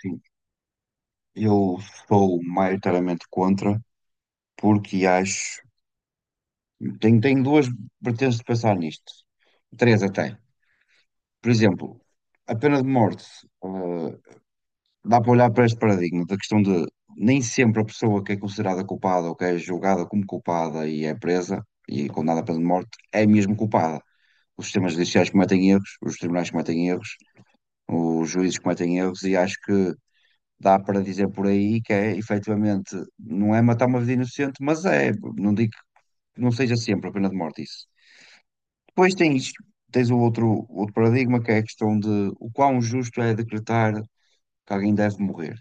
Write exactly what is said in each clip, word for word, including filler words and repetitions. Sim, eu sou maioritariamente contra, porque acho. Tenho, tenho duas vertentes de pensar nisto. Três até. Por exemplo, a pena de morte. eh, Dá para olhar para este paradigma da questão de nem sempre a pessoa que é considerada culpada ou que é julgada como culpada e é presa e condenada à pena de morte é mesmo culpada. Os sistemas judiciais cometem erros, os tribunais cometem erros, os juízes cometem erros e acho que dá para dizer por aí que é, efetivamente, não é matar uma vida inocente, mas é, não digo que não seja sempre a pena de morte isso. Depois tens, tens o outro, outro paradigma, que é a questão de o quão justo é decretar que alguém deve morrer.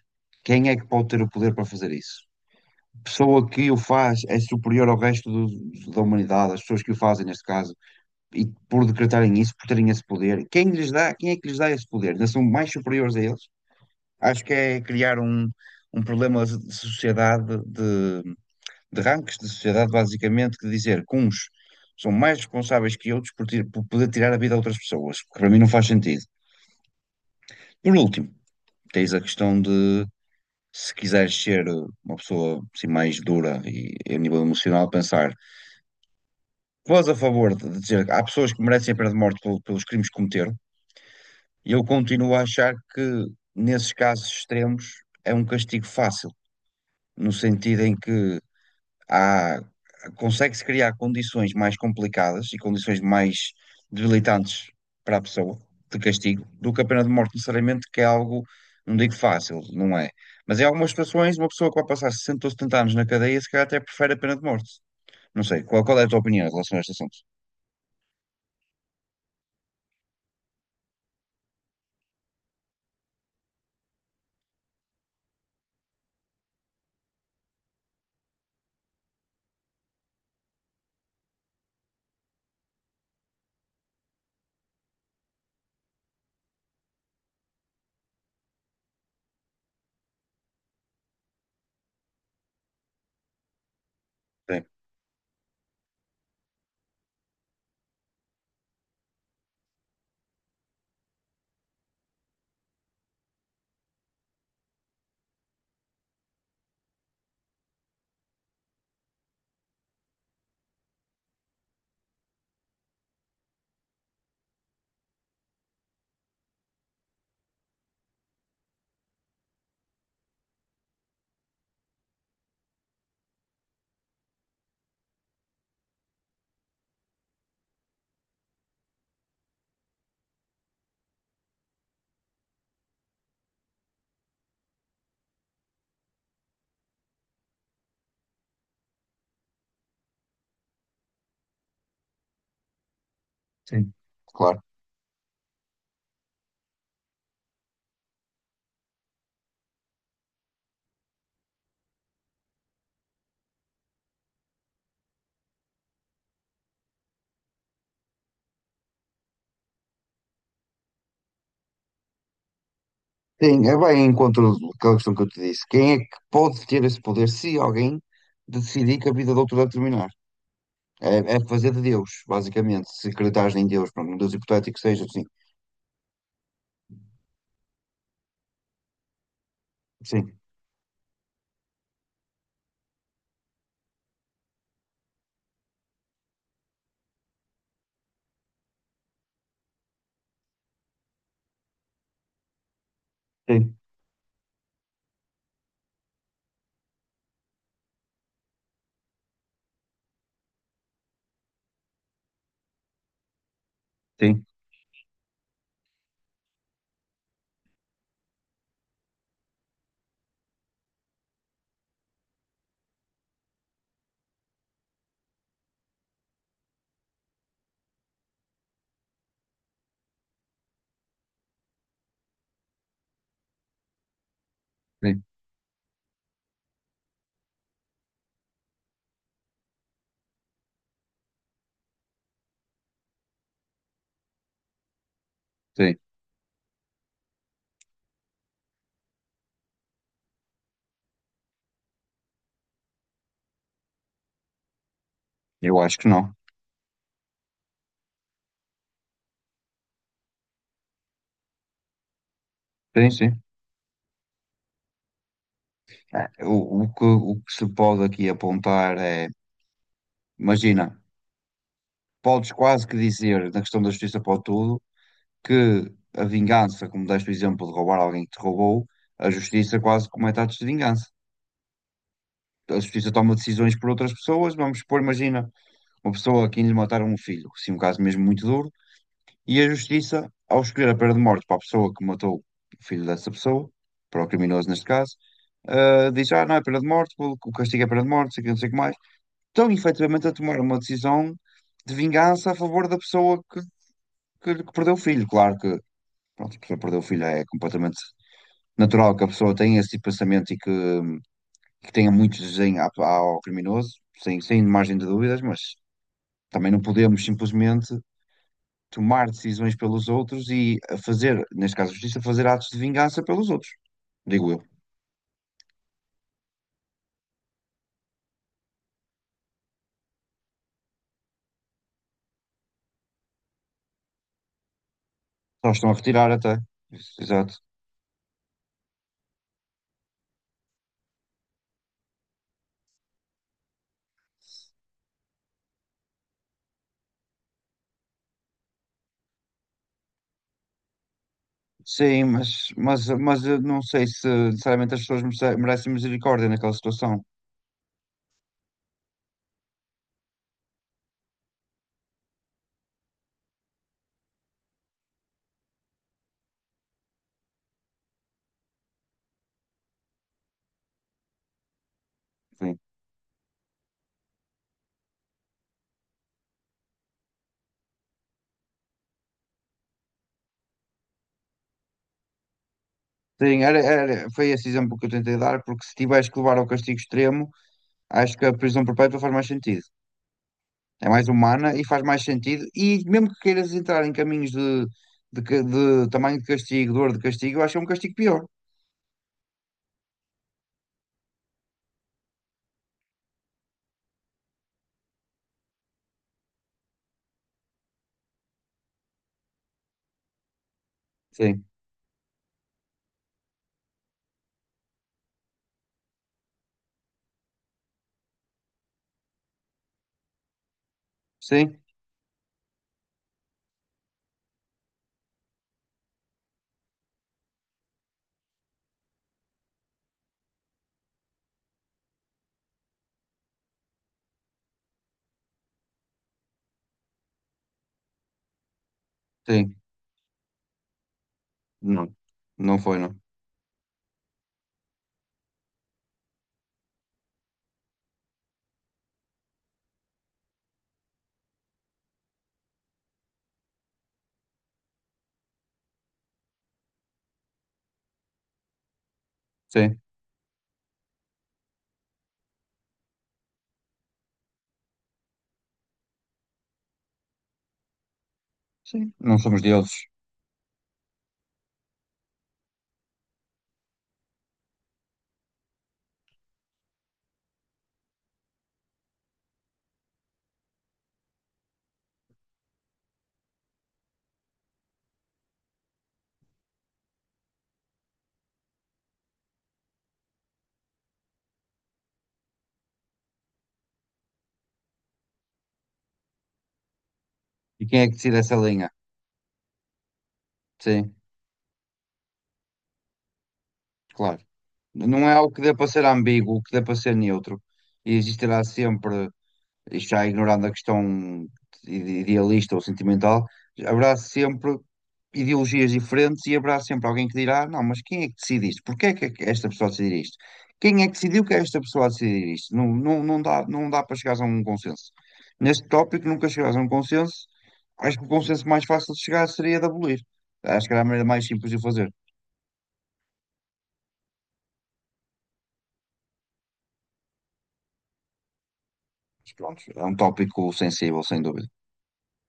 Quem é que pode ter o poder para fazer isso? Pessoa que o faz é superior ao resto do- da humanidade, as pessoas que o fazem neste caso, e por decretarem isso, por terem esse poder, quem lhes dá, quem é que lhes dá esse poder? Ainda são mais superiores a eles? Acho que é criar um, um problema de sociedade, de, de rankings de sociedade, basicamente, que dizer que uns são mais responsáveis que outros por, tir- por poder tirar a vida a outras pessoas, que para mim não faz sentido. Por último, tens a questão de, se quiseres ser eh, uma pessoa assim, mais dura e a nível emocional, pensar, vós a favor de dizer que há pessoas que merecem a pena de morte pel- pelos crimes que cometeram, e eu continuo a achar que, nesses casos extremos, é um castigo fácil, no sentido em que há- consegue-se criar condições mais complicadas e condições mais debilitantes para a pessoa de castigo do que a pena de morte, necessariamente, que é algo, não digo fácil, não é? Mas em algumas situações, uma pessoa que vai passar sessenta ou setenta anos na cadeia, se calhar até prefere a pena de morte. Não sei, qual, qual é a tua opinião em relação a este assunto? Sim. Sim, claro. Sim, é bem em encontro daquela questão que eu te disse. Quem é que pode ter esse poder se alguém decidir que a vida do outro vai terminar? É, é fazer de Deus, basicamente. Se acreditares em Deus, pronto, um Deus hipotético que seja, sim. Sim, sim, sim, sim, sim. Eu acho que não. Sim, sim. É, o, o que, o que se pode aqui apontar é, imagina, podes quase que dizer, na questão da justiça para tudo, que a vingança, como deste o exemplo de roubar alguém que te roubou, a justiça quase comete atos de vingança. A justiça toma decisões por outras pessoas, vamos supor, imagina, uma pessoa a quem lhe mataram um filho, sim, um caso mesmo muito duro. E a justiça, ao escolher a pena de morte para a pessoa que matou o filho dessa pessoa, para o criminoso neste caso, ah, diz: "Ah, não é pena de morte, o o castigo é pena de morte, não sei o que, não sei o que mais." Estão efetivamente a tomar uma decisão de vingança a favor da pessoa que, que- que perdeu o filho. Claro que, pronto, a pessoa que perdeu o filho é completamente natural que a pessoa tenha esse tipo de pensamento e que, que tenha muito desenho à- ao criminoso, sem, sem margem de dúvidas, mas também não podemos simplesmente tomar decisões pelos outros e a fazer, neste caso a justiça, fazer atos de vingança pelos outros, digo eu. Só estão a retirar até. Isso, exato. Sim, mas, mas, mas eu não sei se necessariamente as pessoas merece- merecem misericórdia naquela situação. Sim, sim, era, era- foi esse exemplo que eu tentei dar, porque se tiveres que levar ao castigo extremo, acho que a prisão perpétua faz mais sentido. É mais humana e faz mais sentido. E mesmo que queiras entrar em caminhos de, de, ca- de tamanho de castigo, dor de castigo, eu acho que é um castigo pior. Sim, sim, sim. Não, não foi, não. Sim, sim, não somos deuses. E quem é que decide essa linha? Sim, claro. Não é algo que dê para ser ambíguo, que dê para ser neutro. E existirá sempre. Isto já ignorando a questão ide- idealista ou sentimental, haverá sempre ideologias diferentes e haverá sempre alguém que dirá: "Não, mas quem é que decide isto? Porquê é que esta pessoa decidir isto? Quem é que decidiu que é esta pessoa a decidir isto?" Não, não, não dá, não dá para chegares a um consenso. Neste tópico, nunca chegarás a um consenso. Acho que o consenso mais fácil de chegar seria de abolir. Acho que era a maneira mais simples de o fazer. Mas pronto, é um tópico sensível, sem dúvida.